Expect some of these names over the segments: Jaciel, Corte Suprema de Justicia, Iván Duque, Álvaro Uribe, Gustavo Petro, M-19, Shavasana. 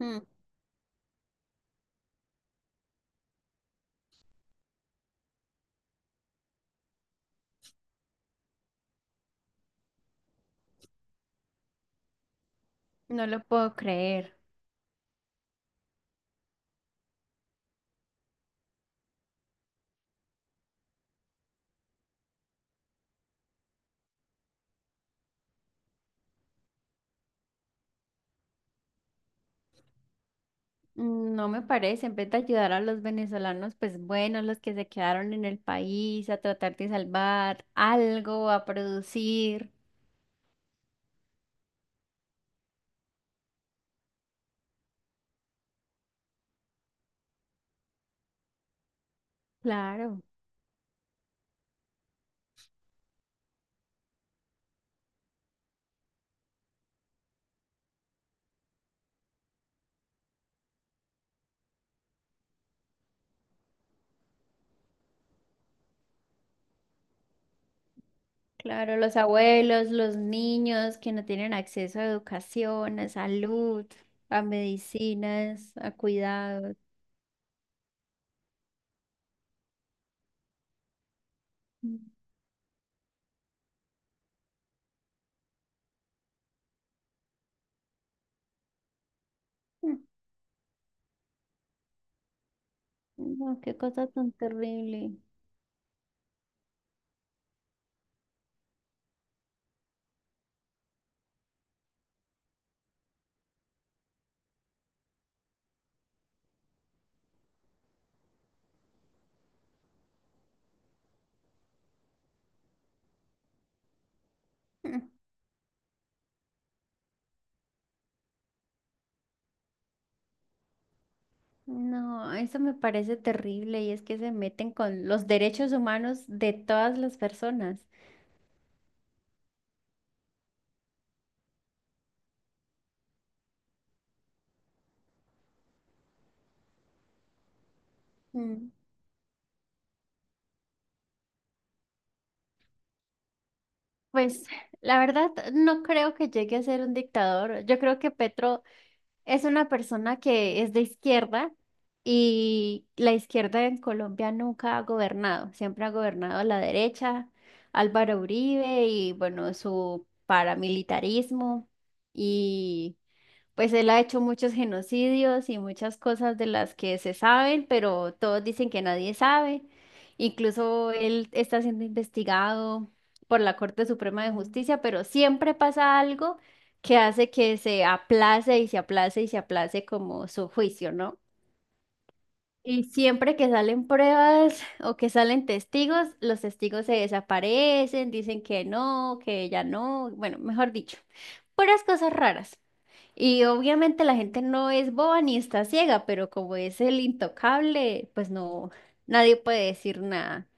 Mm, no lo puedo creer. Mm, no me parece. En vez de ayudar a los venezolanos, pues bueno, los que se quedaron en el país, a tratar de salvar algo, a producir. Claro, claro, los abuelos, los niños que no tienen acceso a educación, a salud, a medicinas, a cuidados. Mm, mm, no, qué cosa tan terrible. Mm. No, eso me parece terrible y es que se meten con los derechos humanos de todas las personas. Mm. Pues la verdad no creo que llegue a ser un dictador. Yo creo que Petro es una persona que es de izquierda y la izquierda en Colombia nunca ha gobernado. Siempre ha gobernado la derecha, Álvaro Uribe y bueno, su paramilitarismo. Pues él ha hecho muchos genocidios y muchas cosas de las que se saben, pero todos dicen que nadie sabe. Incluso él está siendo investigado por la Corte Suprema de Justicia, pero siempre pasa algo que hace que se aplace y se aplace y se aplace como su juicio, ¿no? Y siempre que salen pruebas o que salen testigos, los testigos se desaparecen, dicen que no, que ella no, bueno, mejor dicho, puras cosas raras. Y obviamente la gente no es boba ni está ciega, pero como es el intocable, pues no, nadie puede decir nada.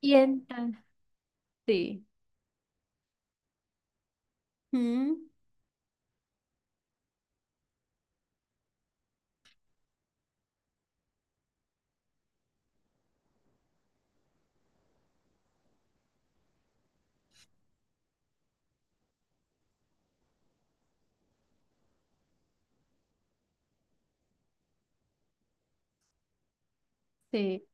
Y entonces, sí. Mm, sí.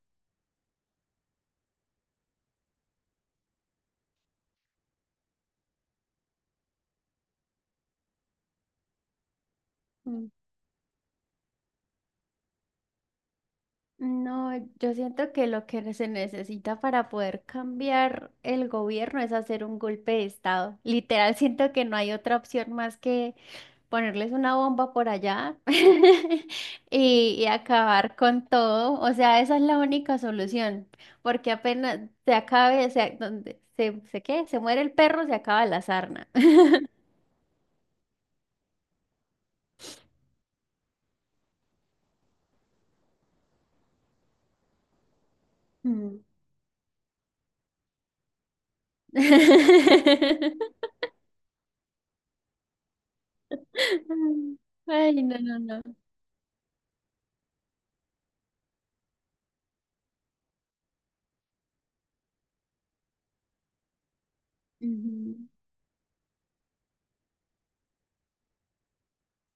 mm, no, yo siento que lo que se necesita para poder cambiar el gobierno es hacer un golpe de estado. Literal, siento que no hay otra opción más que ponerles una bomba por allá y acabar con todo. O sea, esa es la única solución, porque apenas se acabe, se, donde se, ¿qué? Se muere el perro, se acaba la sarna. Mm. Ay, no, no, no. Ujú.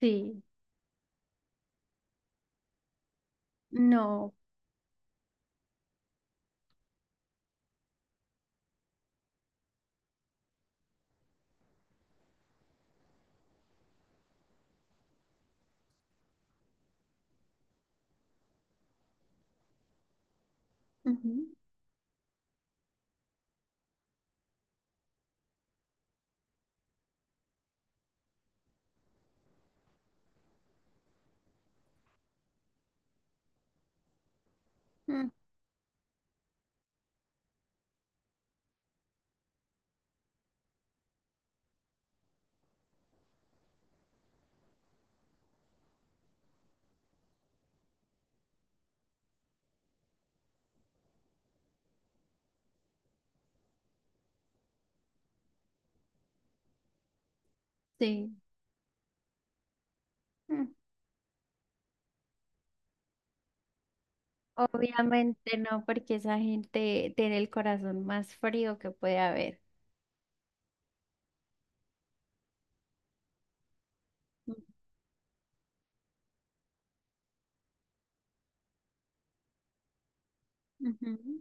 Sí, no. Ujú. Mm, sí. Mm. Obviamente no, porque esa gente tiene el corazón más frío que puede haber. Ujú.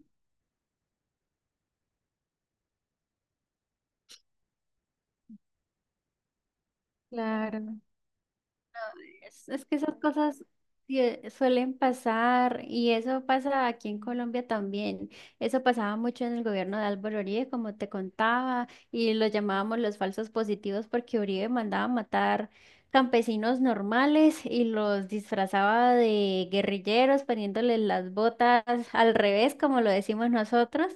Claro. Es que esas cosas suelen pasar y eso pasa aquí en Colombia también. Eso pasaba mucho en el gobierno de Álvaro Uribe, como te contaba, y lo llamábamos los falsos positivos porque Uribe mandaba matar campesinos normales y los disfrazaba de guerrilleros poniéndoles las botas al revés, como lo decimos nosotros,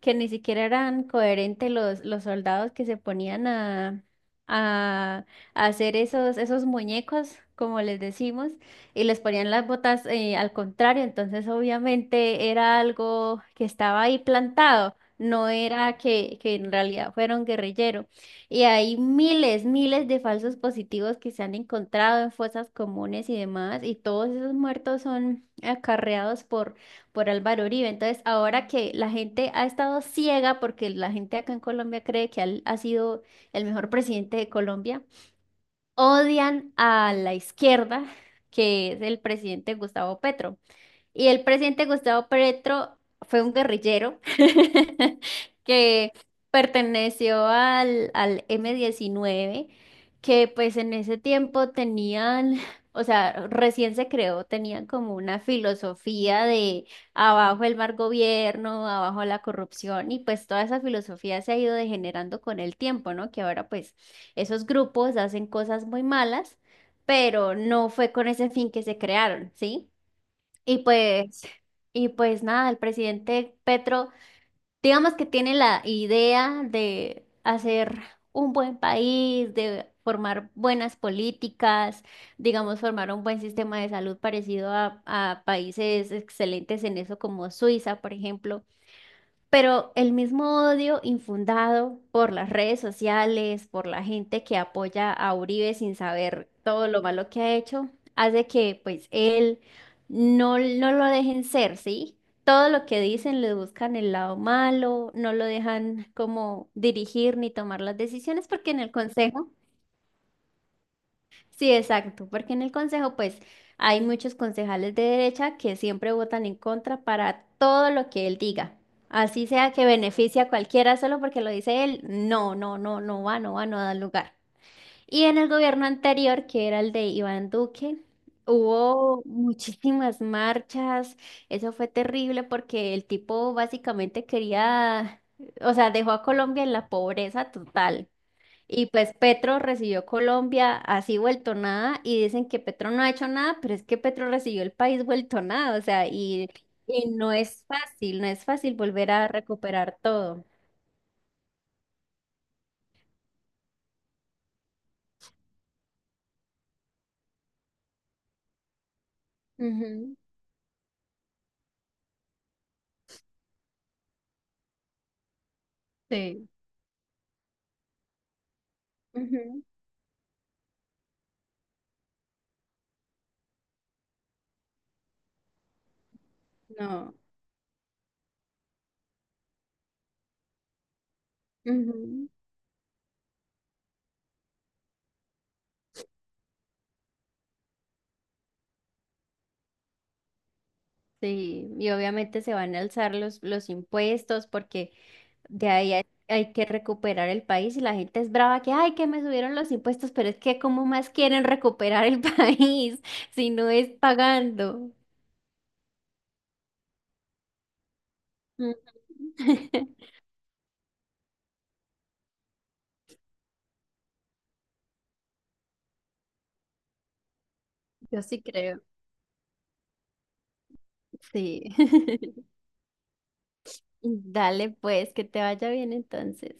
que ni siquiera eran coherentes los soldados que se ponían a, a hacer esos muñecos, como les decimos, y les ponían las botas al contrario, entonces obviamente era algo que estaba ahí plantado. No era que en realidad fueron guerrilleros. Y hay miles, miles de falsos positivos que se han encontrado en fosas comunes y demás, y todos esos muertos son acarreados por Álvaro Uribe. Entonces, ahora que la gente ha estado ciega, porque la gente acá en Colombia cree que él ha sido el mejor presidente de Colombia, odian a la izquierda, que es el presidente Gustavo Petro. Y el presidente Gustavo Petro fue un guerrillero que perteneció al M-19, que pues en ese tiempo tenían, o sea, recién se creó, tenían como una filosofía de abajo el mal gobierno, abajo la corrupción, y pues toda esa filosofía se ha ido degenerando con el tiempo, ¿no? Que ahora pues esos grupos hacen cosas muy malas, pero no fue con ese fin que se crearon, ¿sí? Y pues y pues nada, el presidente Petro, digamos que tiene la idea de hacer un buen país, de formar buenas políticas, digamos, formar un buen sistema de salud parecido a países excelentes en eso como Suiza, por ejemplo. Pero el mismo odio infundado por las redes sociales, por la gente que apoya a Uribe sin saber todo lo malo que ha hecho, hace que pues él no, no lo dejen ser, ¿sí? Todo lo que dicen le buscan el lado malo, no lo dejan como dirigir ni tomar las decisiones porque en el consejo. Sí, exacto, porque en el Consejo pues hay muchos concejales de derecha que siempre votan en contra para todo lo que él diga. Así sea que beneficie a cualquiera solo porque lo dice él, no, no, no, no va, no va, no da lugar. Y en el gobierno anterior, que era el de Iván Duque, hubo muchísimas marchas. Eso fue terrible porque el tipo básicamente quería, o sea, dejó a Colombia en la pobreza total. Y pues Petro recibió Colombia así vuelto nada y dicen que Petro no ha hecho nada, pero es que Petro recibió el país vuelto nada, o sea, y, no es fácil, no es fácil volver a recuperar todo. Ujú, sí. Ujú, no. Ujú, sí, y obviamente se van a alzar los impuestos porque de ahí hay que recuperar el país y la gente es brava que, ay, que me subieron los impuestos, pero es que ¿cómo más quieren recuperar el país si no es pagando? Ujú. Yo sí creo, sí. Dale, pues, que te vaya bien entonces.